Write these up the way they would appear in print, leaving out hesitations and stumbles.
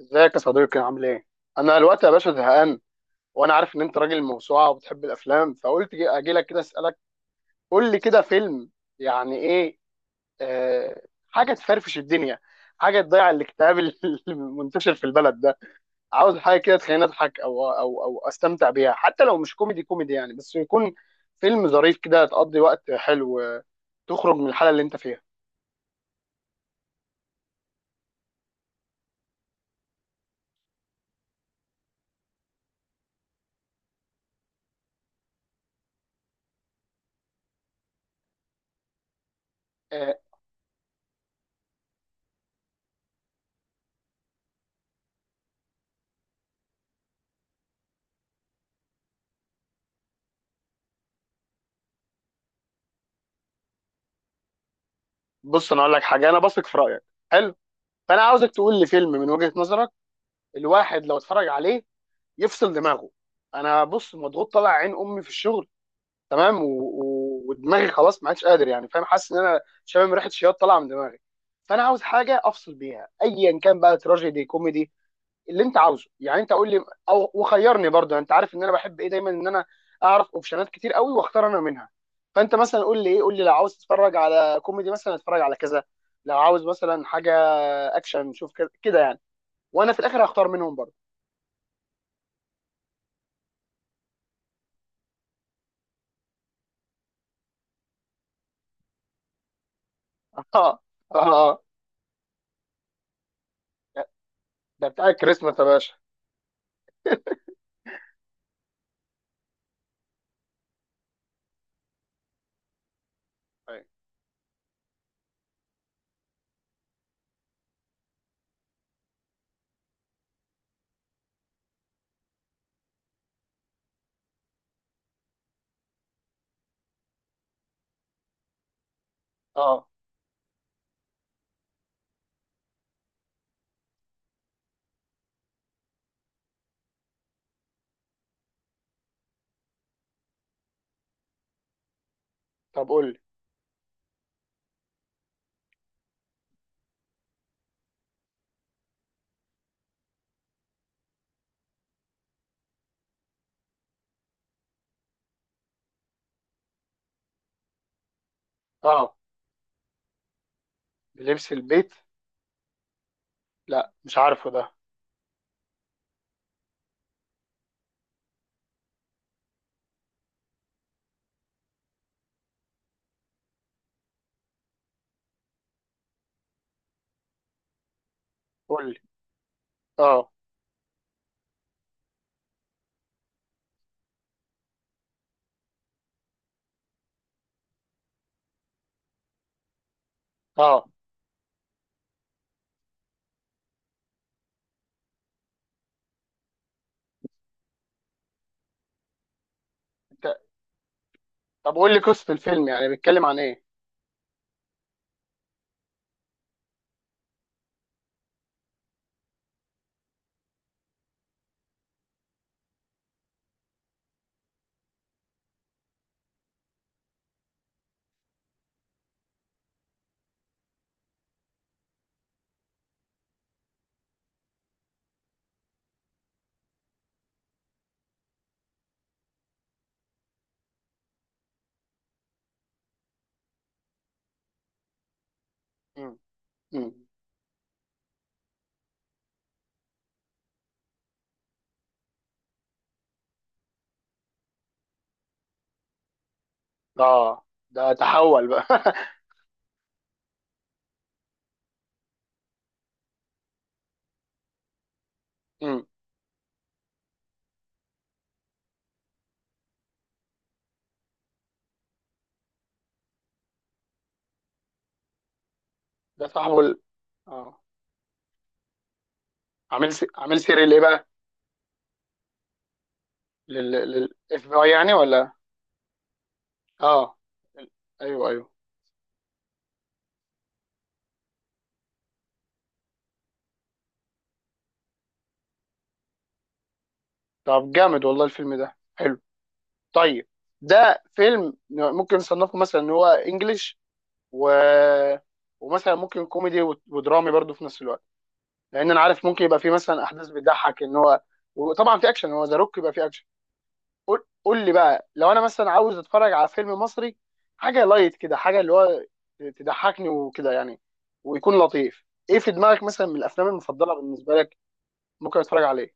ازيك يا صديقي عامل ايه؟ انا الوقت يا باشا زهقان. وانا عارف ان انت راجل موسوعه وبتحب الافلام، فقلت اجي لك كده اسالك. قول لي كده فيلم يعني ايه. آه حاجه تفرفش الدنيا، حاجه تضيع الاكتئاب المنتشر في البلد ده. عاوز حاجه كده تخليني اضحك او استمتع بيها، حتى لو مش كوميدي كوميدي يعني، بس يكون فيلم ظريف كده تقضي وقت حلو. تخرج من الحاله اللي انت فيها. آه. بص انا اقول لك حاجه، انا بثق في رايك. حلو. فانا عاوزك تقول لي فيلم من وجهه نظرك، الواحد لو اتفرج عليه يفصل دماغه. انا بص مضغوط، طالع عين امي في الشغل، تمام. ودماغي خلاص ما عادش قادر، يعني فاهم، حاسس ان انا شامم ريحه شياط طالعه من دماغي. فانا عاوز حاجه افصل بيها ايا كان بقى، تراجيدي كوميدي اللي انت عاوزه. يعني انت قول لي او وخيرني، برضه انت عارف ان انا بحب ايه دايما، ان انا اعرف اوبشنات كتير قوي واختار انا منها. فانت مثلا قول لي ايه، قول لي لو عاوز تتفرج على كوميدي مثلا اتفرج على كذا، لو عاوز مثلا حاجه اكشن شوف كده كده يعني. وانا في الاخر هختار منهم برضه. اه. اه. ده بتاع الكريسماس يا باشا. أيوة. اه طب قول لي اه. بلبس البيت. لا مش عارفه ده. قول لي. اه. اه. انت، طب قول لي قصة الفيلم يعني بيتكلم عن ايه؟ مم. مم. اه. ده تحول بقى مم. ده صاحبه اه. عامل سيري ليه بقى؟ لل اف بي اي يعني، ولا؟ اه. ال- ايوه ايوه. طب جامد والله الفيلم ده حلو. طيب. ده فيلم ممكن نصنفه مثلا ان هو انجليش و... ومثلا ممكن كوميدي ودرامي برضو في نفس الوقت، لان انا عارف ممكن يبقى في مثلا احداث بتضحك ان هو. وطبعا في اكشن، هو ذا روك يبقى في اكشن. قول لي بقى، لو انا مثلا عاوز اتفرج على فيلم مصري، حاجه لايت كده، حاجه اللي هو تضحكني وكده يعني، ويكون لطيف. ايه في دماغك مثلا من الافلام المفضله بالنسبه لك ممكن اتفرج عليه؟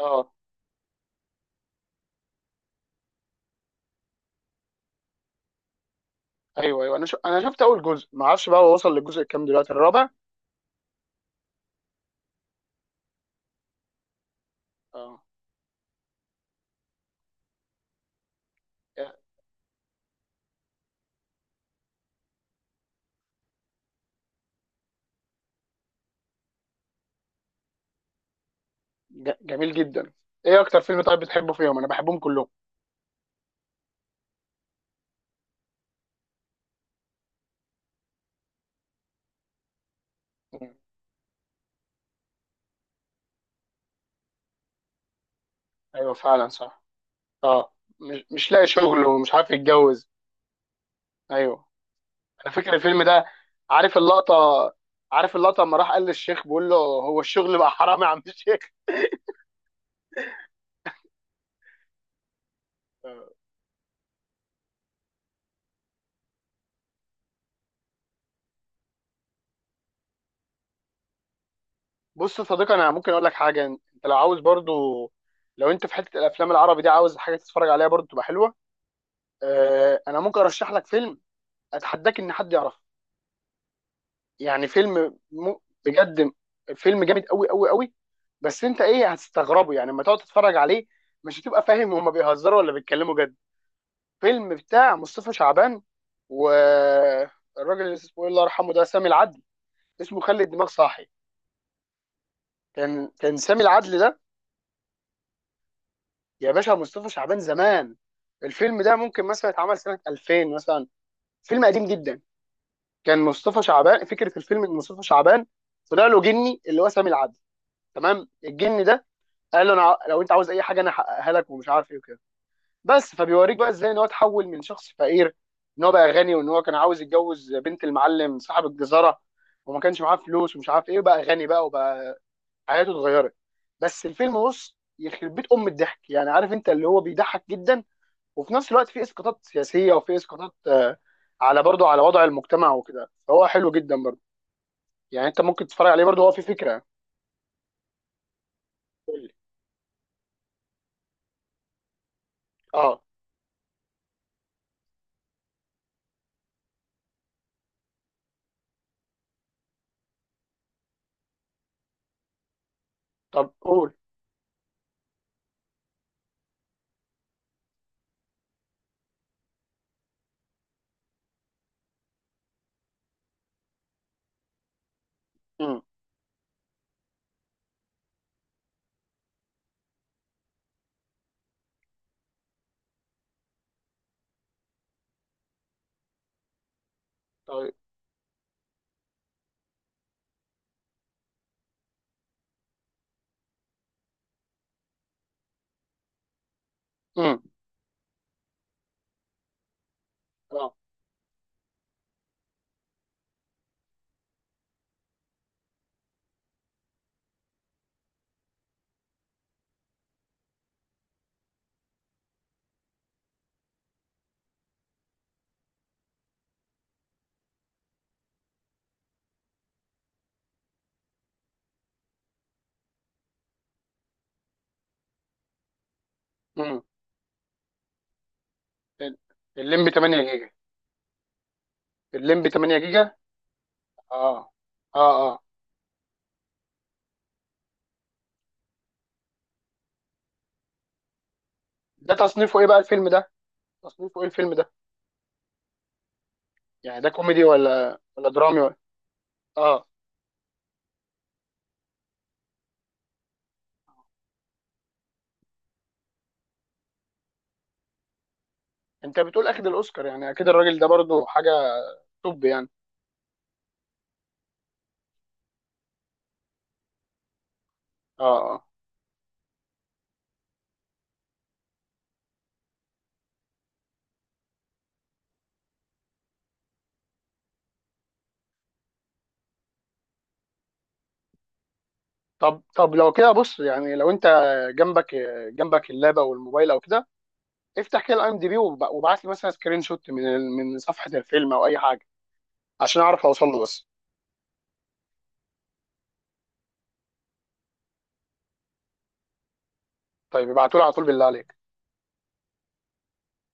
اه. ايوه ايوه. انا شفت اول جزء، ما اعرفش بقى هو وصل للجزء الكام دلوقتي، الرابع؟ اه. جميل جدا. ايه اكتر فيلم طيب بتحبه فيهم؟ انا بحبهم كلهم. ايوه فعلا صح. اه. مش لاقي شغل ومش عارف يتجوز. ايوه. انا فاكر الفيلم ده. عارف اللقطه. عارف اللقطه لما راح قال للشيخ، بيقول له هو الشغل بقى حرام يا عم الشيخ. آه. بص يا صديقي، انا ممكن اقول لك حاجه. انت لو عاوز برضو، لو انت في حته الافلام العربي دي عاوز حاجه تتفرج عليها برضو تبقى حلوه، انا ممكن ارشح لك فيلم اتحداك ان حد يعرفه. يعني فيلم م... بجد. فيلم جامد قوي قوي قوي. بس انت ايه هتستغربه يعني لما تقعد تتفرج عليه، مش هتبقى فاهم هما بيهزروا ولا بيتكلموا جد. فيلم بتاع مصطفى شعبان، والراجل اللي اسمه الله يرحمه، ده سامي العدل. اسمه خلي الدماغ صاحي. كان سامي العدل ده، يا باشا مصطفى شعبان زمان. الفيلم ده ممكن مثلا اتعمل سنة 2000 مثلا، فيلم قديم جدا. كان مصطفى شعبان، فكرة الفيلم ان مصطفى شعبان طلع له جني اللي هو سامي العدل، تمام. الجن ده قال له، انا لو انت عاوز اي حاجه انا احققها لك ومش عارف ايه وكده. بس فبيوريك بقى ازاي ان هو اتحول من شخص فقير، ان هو بقى غني، وان هو كان عاوز يتجوز بنت المعلم صاحب الجزاره وما كانش معاه فلوس ومش عارف ايه، وبقى غني بقى، وبقى حياته اتغيرت. بس الفيلم بص، يخرب بيت ام الضحك يعني، عارف انت اللي هو بيضحك جدا، وفي نفس الوقت في اسقاطات سياسيه وفي اسقاطات، على برضه على وضع المجتمع وكده، فهو حلو جدا برضه، يعني انت ممكن تتفرج عليه برضه، هو في فكره. قول لي. اه. طب قول. امم طيب. امم اه. امم ال- الليمبي 8 جيجا. الليمبي 8 جيجا. اه اه اه. ده تصنيفه ايه بقى الفيلم ده؟ تصنيفه ايه الفيلم ده؟ يعني ده كوميدي ولا درامي ولا؟ اه. انت بتقول اخد الاوسكار، يعني اكيد الراجل ده برضو حاجه توب يعني. اه اه. طب طب لو كده بص، يعني لو انت، جنبك جنبك اللاب او الموبايل او كده، افتح كده الاي ام دي بي وابعت لي مثلا سكرين شوت من صفحه الفيلم او اي حاجه، عشان اعرف اوصل له بس. طيب ابعتوا لي على طول بالله عليك.